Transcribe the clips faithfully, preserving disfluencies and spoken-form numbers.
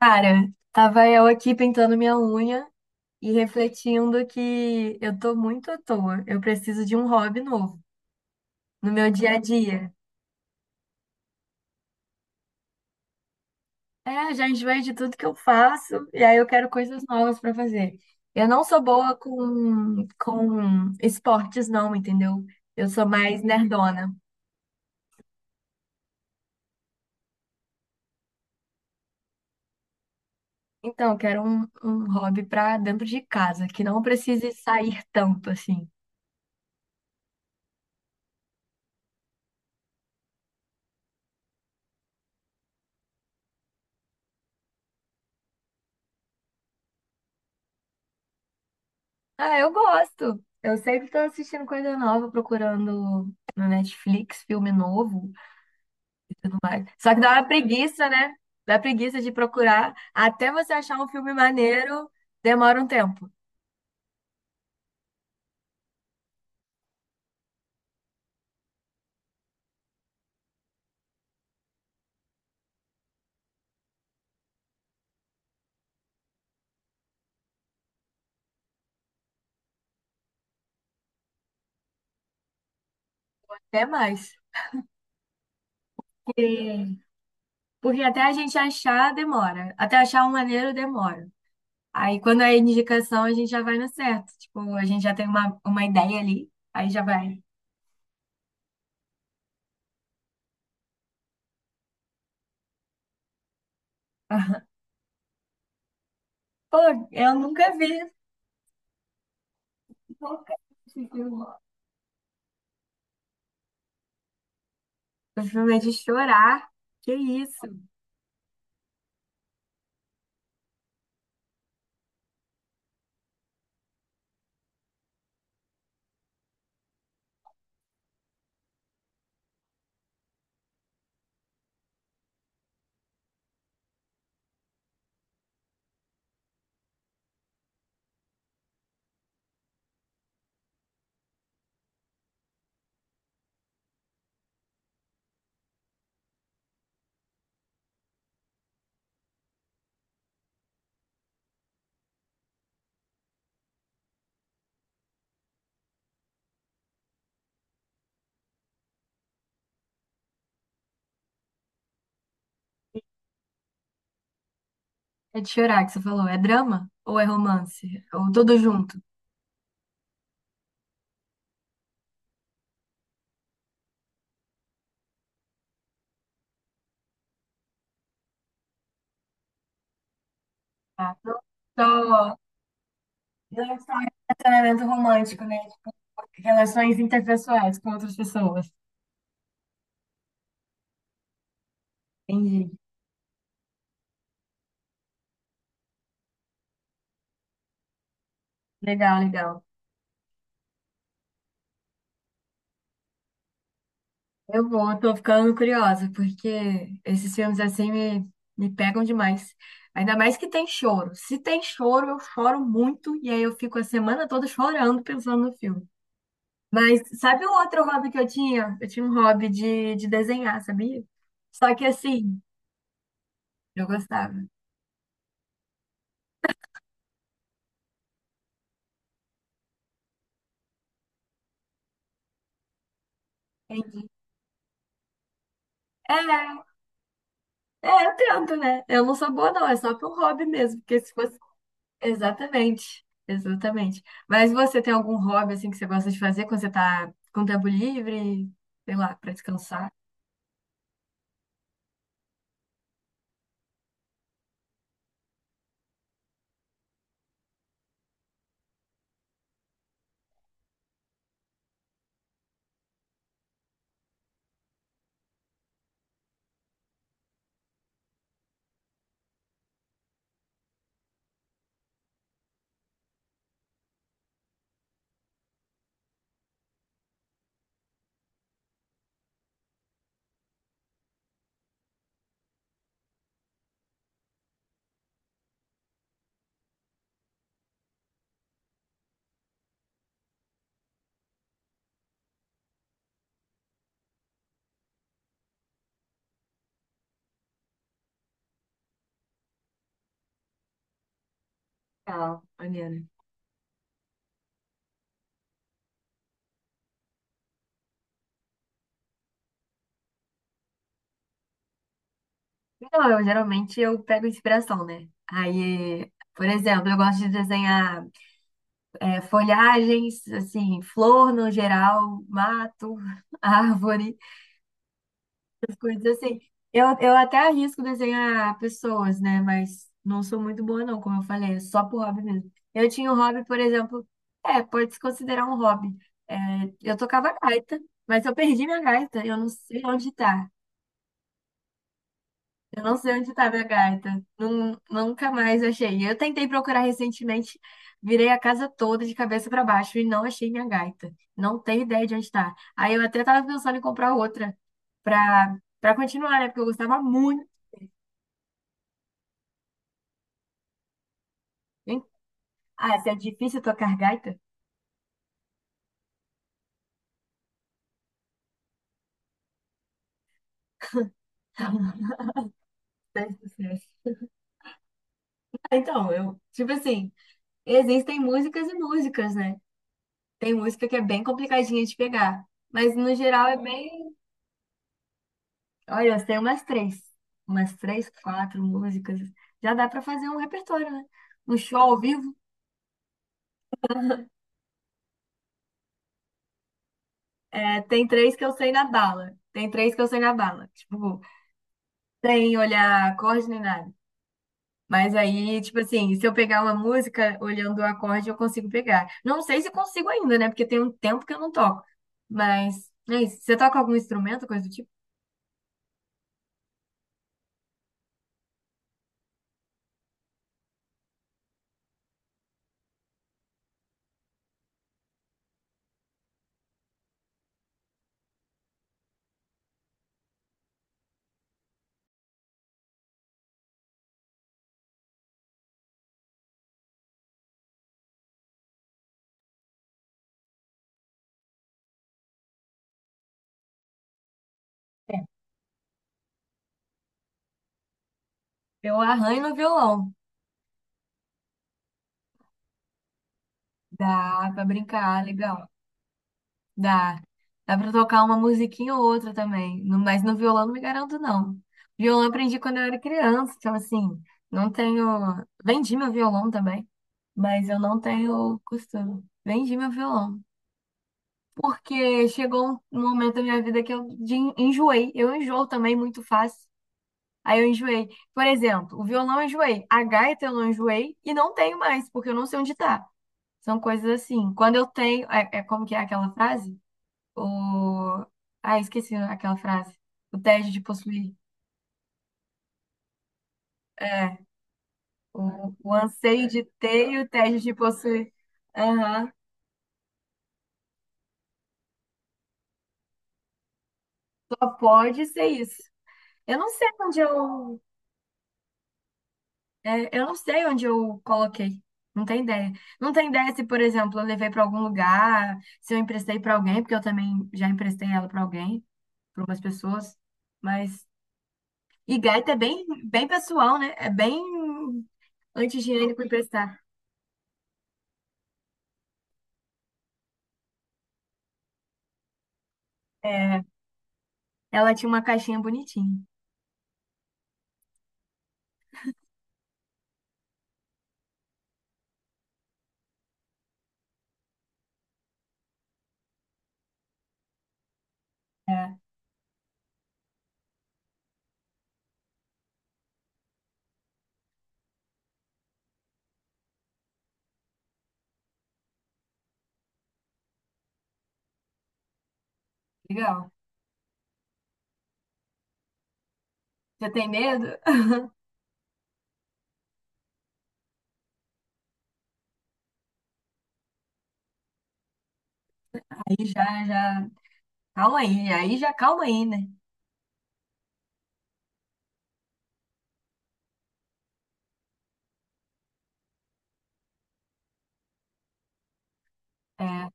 Cara, tava eu aqui pintando minha unha e refletindo que eu tô muito à toa. Eu preciso de um hobby novo no meu dia a dia. É, já enjoei de tudo que eu faço e aí eu quero coisas novas pra fazer. Eu não sou boa com, com esportes, não, entendeu? Eu sou mais nerdona. Então, eu quero um, um hobby pra dentro de casa, que não precise sair tanto assim. Ah, eu gosto. Eu sempre tô assistindo coisa nova, procurando no Netflix filme novo. Só que dá uma preguiça, né? Dá preguiça de procurar. Até você achar um filme maneiro, demora um tempo. Até mais. Porque, porque até a gente achar, demora. Até achar um maneiro, demora. Aí quando é indicação, a gente já vai no certo. Tipo, a gente já tem uma, uma ideia ali, aí já vai. Pô, eu nunca vi. Nunca vi esse filme. O filme é de chorar. Que isso? É de chorar que você falou. É drama ou é romance? Ou tudo junto? Tá? Não só, não é só um relacionamento romântico, né? Tipo, relações interpessoais com outras pessoas. Entendi. Legal, legal. Eu vou, eu tô ficando curiosa, porque esses filmes assim me, me pegam demais. Ainda mais que tem choro. Se tem choro, eu choro muito, e aí eu fico a semana toda chorando pensando no filme. Mas sabe o outro hobby que eu tinha? Eu tinha um hobby de, de desenhar, sabia? Só que assim, eu gostava. Entendi. É, é, eu tento, né? Eu não sou boa, não. É só para um hobby mesmo. Porque se fosse. Exatamente. Exatamente. Mas você tem algum hobby, assim, que você gosta de fazer quando você tá com tempo livre? Sei lá, para descansar? Não, maneiro. Então, eu geralmente eu pego inspiração, né? Aí, por exemplo, eu gosto de desenhar é, folhagens, assim, flor no geral, mato, árvore, essas coisas assim. Eu, eu até arrisco desenhar pessoas, né? Mas não sou muito boa, não, como eu falei, é só por hobby mesmo. Eu tinha um hobby, por exemplo, é, pode se considerar um hobby. É, eu tocava gaita, mas eu perdi minha gaita, eu não sei onde tá. Eu não sei onde tá minha gaita. Nun- nunca mais achei. Eu tentei procurar recentemente, virei a casa toda de cabeça para baixo e não achei minha gaita. Não tenho ideia de onde tá. Aí eu até tava pensando em comprar outra. Pra Para continuar, né? Porque eu gostava muito. Hein? Ah, se é difícil tocar gaita, então é sucesso. Ah, então, eu, tipo assim, existem músicas e músicas, né? Tem música que é bem complicadinha de pegar, mas no geral é bem. Olha, eu sei umas três, umas três, quatro músicas. Já dá pra fazer um repertório, né? Um show ao vivo, é, tem três que eu sei na bala. Tem três que eu sei na bala. Tipo, sem olhar acorde nem nada. Mas aí, tipo assim, se eu pegar uma música olhando o acorde, eu consigo pegar. Não sei se consigo ainda, né? Porque tem um tempo que eu não toco. Mas é isso. Você toca algum instrumento, coisa do tipo? É. Eu arranho no violão. Dá pra brincar, legal. Dá. Dá pra tocar uma musiquinha ou outra também. No- Mas no violão não me garanto, não. Violão eu aprendi quando eu era criança, então assim, não tenho. Vendi meu violão também, mas eu não tenho costume. Vendi meu violão. Porque chegou um um momento da minha vida que eu de- enjoei. Eu enjoo também muito fácil. Aí eu enjoei. Por exemplo, o violão eu enjoei, a gaita eu não enjoei e não tenho mais, porque eu não sei onde tá. São coisas assim. Quando eu tenho. É, é como que é aquela frase? O... Ah, esqueci aquela frase. O tédio de possuir. É. O, o anseio de ter e o tédio de possuir. Aham. Só pode ser isso. Eu não sei onde eu É, eu não sei onde eu coloquei. Não tenho ideia. Não tenho ideia se, por exemplo, eu levei para algum lugar, se eu emprestei para alguém, porque eu também já emprestei ela para alguém, para umas pessoas. Mas. E gaita é bem, bem pessoal, né? É bem anti-higiênico emprestar. É, ela tinha uma caixinha bonitinha. É, legal. Você tem medo? Aí já, já. Calma aí, aí já calma aí, né? É,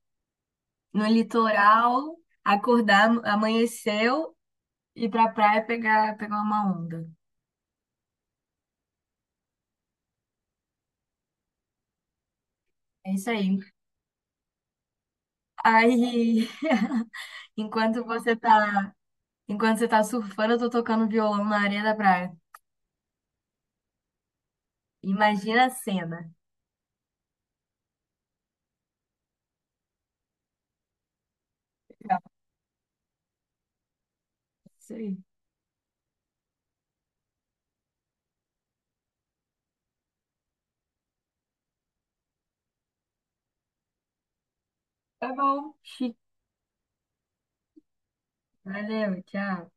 no litoral, acordar, amanheceu, ir pra praia pegar, pegar uma onda. É isso aí. Aí, enquanto você tá, enquanto você tá surfando, eu tô tocando violão na areia da praia. Imagina a cena. Legal. Isso aí. Tá bom. Chique. Valeu, tchau.